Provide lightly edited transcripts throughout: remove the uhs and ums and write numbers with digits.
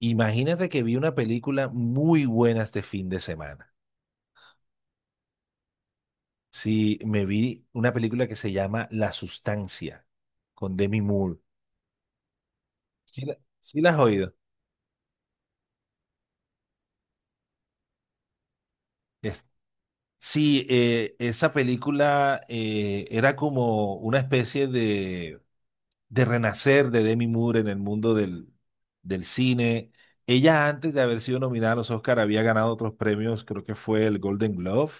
Imagínate que vi una película muy buena este fin de semana. Sí, me vi una película que se llama La Sustancia con Demi Moore. ¿Sí la has oído? Es- sí, esa película era como una especie de renacer de Demi Moore en el mundo del cine. Ella antes de haber sido nominada a los Oscar había ganado otros premios, creo que fue el Golden Globe,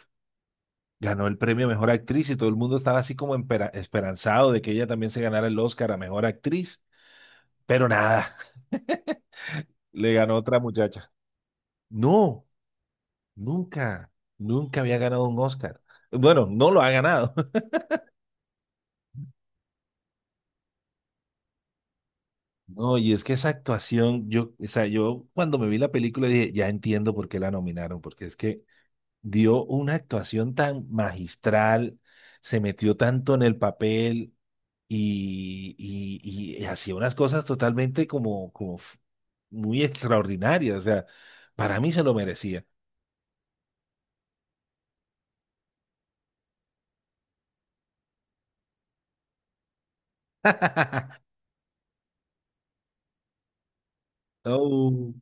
ganó el premio a Mejor Actriz y todo el mundo estaba así como esperanzado de que ella también se ganara el Oscar a Mejor Actriz, pero nada. Le ganó otra muchacha. No, nunca, nunca había ganado un Oscar. Bueno, no lo ha ganado. No, y es que esa actuación, yo, o sea, yo cuando me vi la película dije, ya entiendo por qué la nominaron, porque es que dio una actuación tan magistral, se metió tanto en el papel y hacía unas cosas totalmente como muy extraordinarias. O sea, para mí se lo merecía. Oh.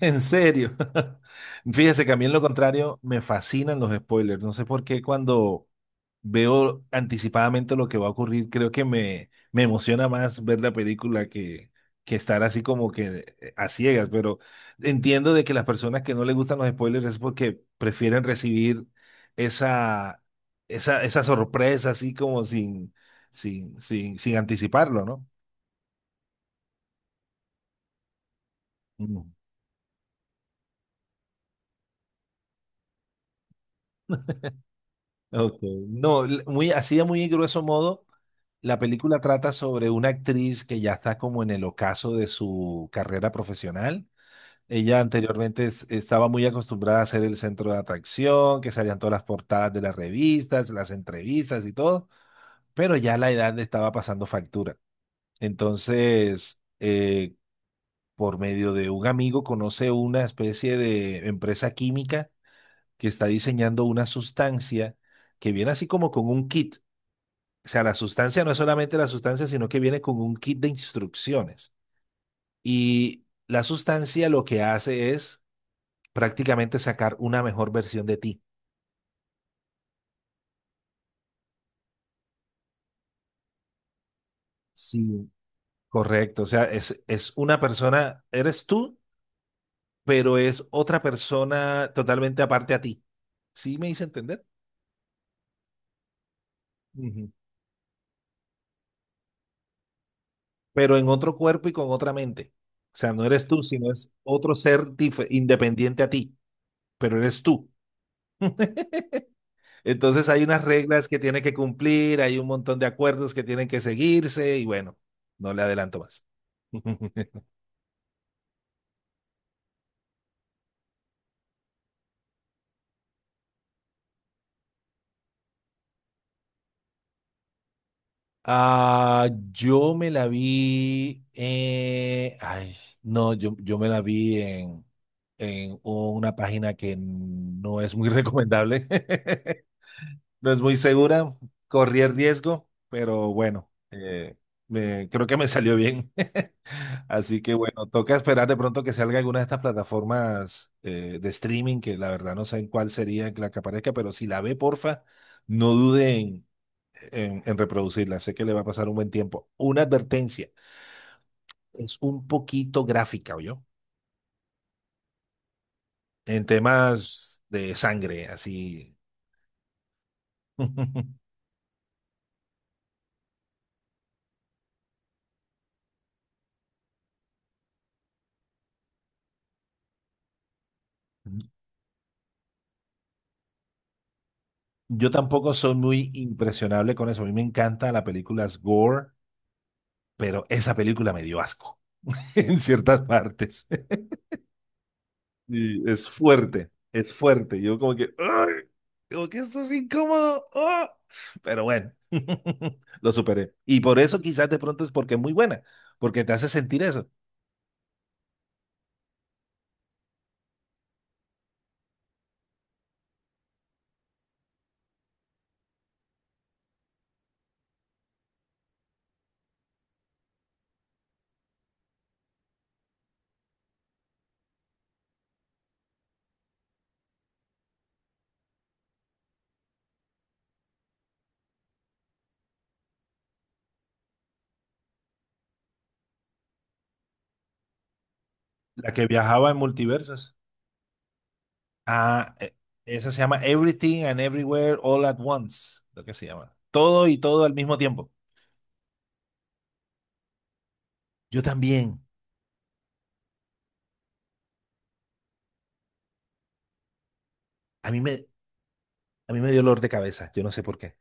En serio. Fíjese que a mí en lo contrario me fascinan los spoilers. No sé por qué cuando veo anticipadamente lo que va a ocurrir, creo que me emociona más ver la película que estar así como que a ciegas. Pero entiendo de que las personas que no les gustan los spoilers es porque prefieren recibir esa, esa sorpresa así como sin anticiparlo, ¿no? Mm. Ok. No, muy, así de muy grueso modo, la película trata sobre una actriz que ya está como en el ocaso de su carrera profesional. Ella anteriormente estaba muy acostumbrada a ser el centro de atracción, que salían todas las portadas de las revistas, las entrevistas y todo, pero ya la edad le estaba pasando factura. Entonces, por medio de un amigo conoce una especie de empresa química que está diseñando una sustancia que viene así como con un kit. O sea, la sustancia no es solamente la sustancia, sino que viene con un kit de instrucciones. Y la sustancia lo que hace es prácticamente sacar una mejor versión de ti. Sí, correcto, o sea, es una persona, eres tú, pero es otra persona totalmente aparte a ti. ¿Sí me hice entender? Ujú. Pero en otro cuerpo y con otra mente. O sea, no eres tú, sino es otro ser independiente a ti, pero eres tú. Entonces hay unas reglas que tiene que cumplir, hay un montón de acuerdos que tienen que seguirse y bueno, no le adelanto más. Ah, yo me la vi, ay, no, yo me la vi en una página que no es muy recomendable, no es muy segura, corrí el riesgo, pero bueno, creo que me salió bien. Así que bueno, toca esperar de pronto que salga alguna de estas plataformas de streaming, que la verdad no sé en cuál sería la que aparezca, pero si la ve, porfa, no duden en reproducirla. Sé que le va a pasar un buen tiempo. Una advertencia, es un poquito gráfica, yo, en temas de sangre, así. Yo tampoco soy muy impresionable con eso. A mí me encanta las películas gore, pero esa película me dio asco en ciertas partes. Sí, es fuerte, es fuerte. Yo como que, ¡ay! Como que esto es incómodo. ¡Ah! Pero bueno, lo superé. Y por eso quizás de pronto es porque es muy buena, porque te hace sentir eso. La que viajaba en multiversos. Ah, esa se llama Everything and Everywhere All at Once, lo que se llama. Todo y todo al mismo tiempo. Yo también. A mí me, a mí me dio dolor de cabeza, yo no sé por qué.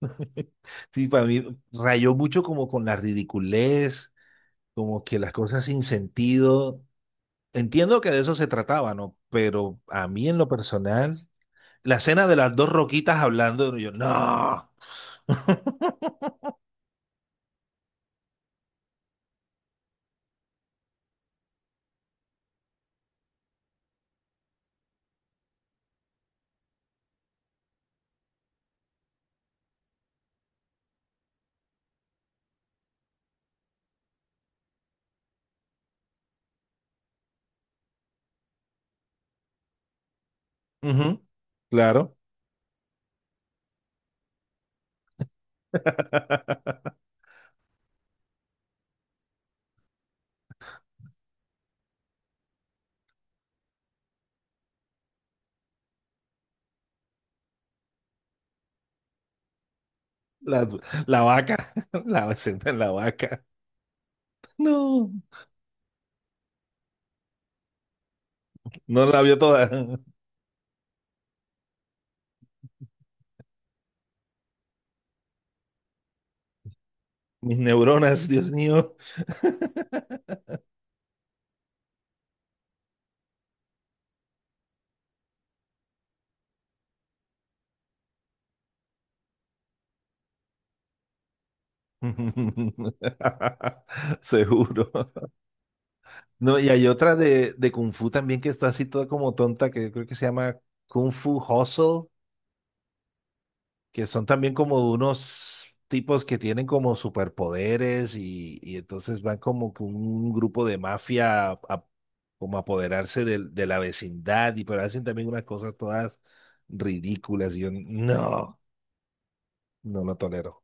Sí, para mí rayó mucho como con la ridiculez, como que las cosas sin sentido. Entiendo que de eso se trataba, ¿no? Pero a mí en lo personal, la escena de las dos roquitas hablando, yo, no. Ujú. Claro. La, la vaca, la escena de la vaca. No, no la vio toda. Mis neuronas, Dios mío. Seguro. No, y hay otra de Kung Fu también que está así toda como tonta, que creo que se llama Kung Fu Hustle, que son también como unos tipos que tienen como superpoderes y entonces van como que un grupo de mafia a como a apoderarse la vecindad y pero hacen también unas cosas todas ridículas y yo no, no lo tolero.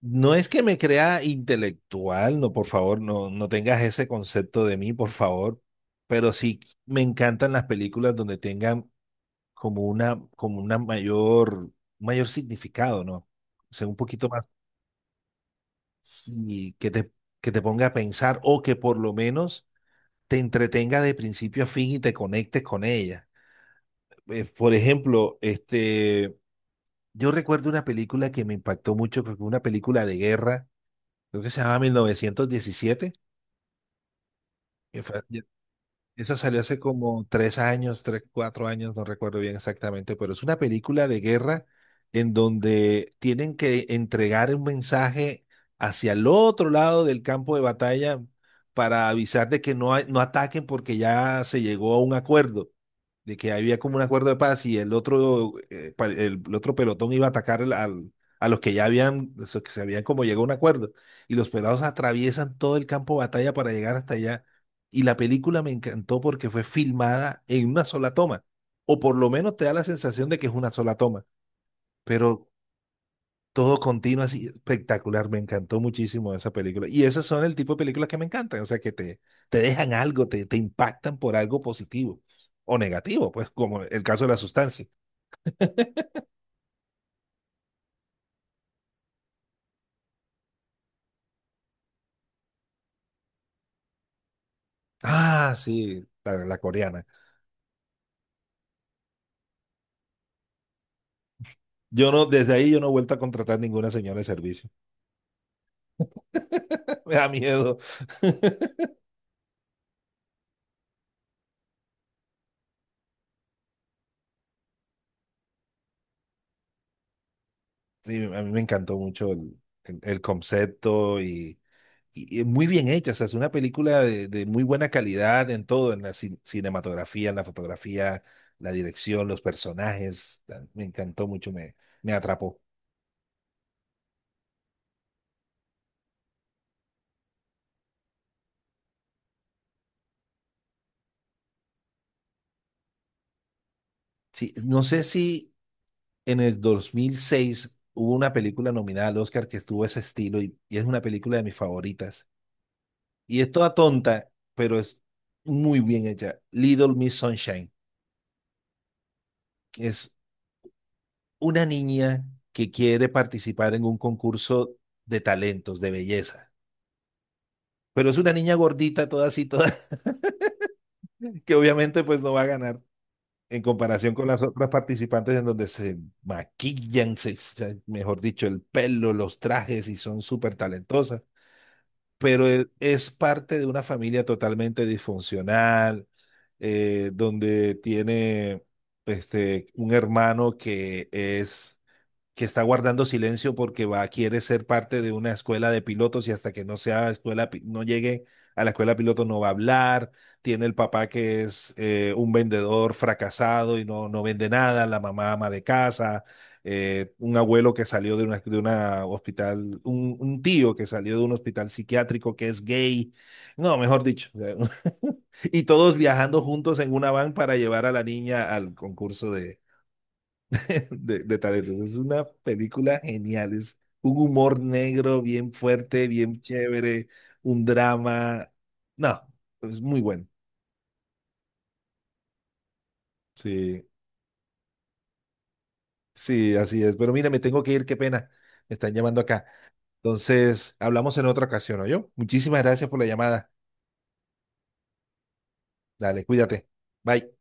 No es que me crea intelectual, no, por favor, no, no tengas ese concepto de mí, por favor, pero sí me encantan las películas donde tengan como una mayor significado, ¿no? O sea, un poquito más. Sí, que te ponga a pensar o que por lo menos te entretenga de principio a fin y te conectes con ella. Por ejemplo, este, yo recuerdo una película que me impactó mucho, creo que fue una película de guerra, creo que se llamaba 1917, que fue- esa salió hace como 3 años, tres, 4 años, no recuerdo bien exactamente, pero es una película de guerra en donde tienen que entregar un mensaje hacia el otro lado del campo de batalla para avisar de que no, no ataquen porque ya se llegó a un acuerdo, de que había como un acuerdo de paz y el otro, el otro pelotón iba a atacar a los que ya habían, o sea, que se habían como llegado a un acuerdo. Y los pelados atraviesan todo el campo de batalla para llegar hasta allá y la película me encantó porque fue filmada en una sola toma, o por lo menos te da la sensación de que es una sola toma, pero todo continuo, así espectacular. Me encantó muchísimo esa película. Y esas son el tipo de películas que me encantan, o sea, que te dejan algo, te impactan por algo positivo o negativo, pues como el caso de la sustancia. Ah, sí, la coreana. Yo no, desde ahí yo no he vuelto a contratar ninguna señora de servicio. Me da miedo. Sí, a mí me encantó mucho el concepto y muy bien hecha. O sea, es una película de muy buena calidad en todo, en la cinematografía, en la fotografía, la dirección, los personajes. Ah, me encantó mucho, me atrapó. Sí, no sé si en el 2006 hubo una película nominada al Oscar que estuvo ese estilo y es una película de mis favoritas. Y es toda tonta, pero es muy bien hecha. Little Miss Sunshine, que es una niña que quiere participar en un concurso de talentos, de belleza. Pero es una niña gordita, toda así, toda, que obviamente pues no va a ganar en comparación con las otras participantes en donde se maquillan, mejor dicho, el pelo, los trajes y son súper talentosas. Pero es parte de una familia totalmente disfuncional, donde tiene este, un hermano que está guardando silencio porque va, quiere ser parte de una escuela de pilotos y hasta que no sea no llegue a la escuela de pilotos no va a hablar. Tiene el papá que es un vendedor fracasado y no, no vende nada, la mamá ama de casa, un abuelo que salió de una hospital, un tío que salió de un hospital psiquiátrico que es gay. No, mejor dicho, o sea, y todos viajando juntos en una van para llevar a la niña al concurso de talentos. Es una película genial, es un humor negro bien fuerte, bien chévere, un drama. No, es muy bueno. Sí, sí, así es. Pero mira, me tengo que ir, qué pena. Me están llamando acá. Entonces, hablamos en otra ocasión, ¿oyó? Muchísimas gracias por la llamada. Dale, cuídate. Bye.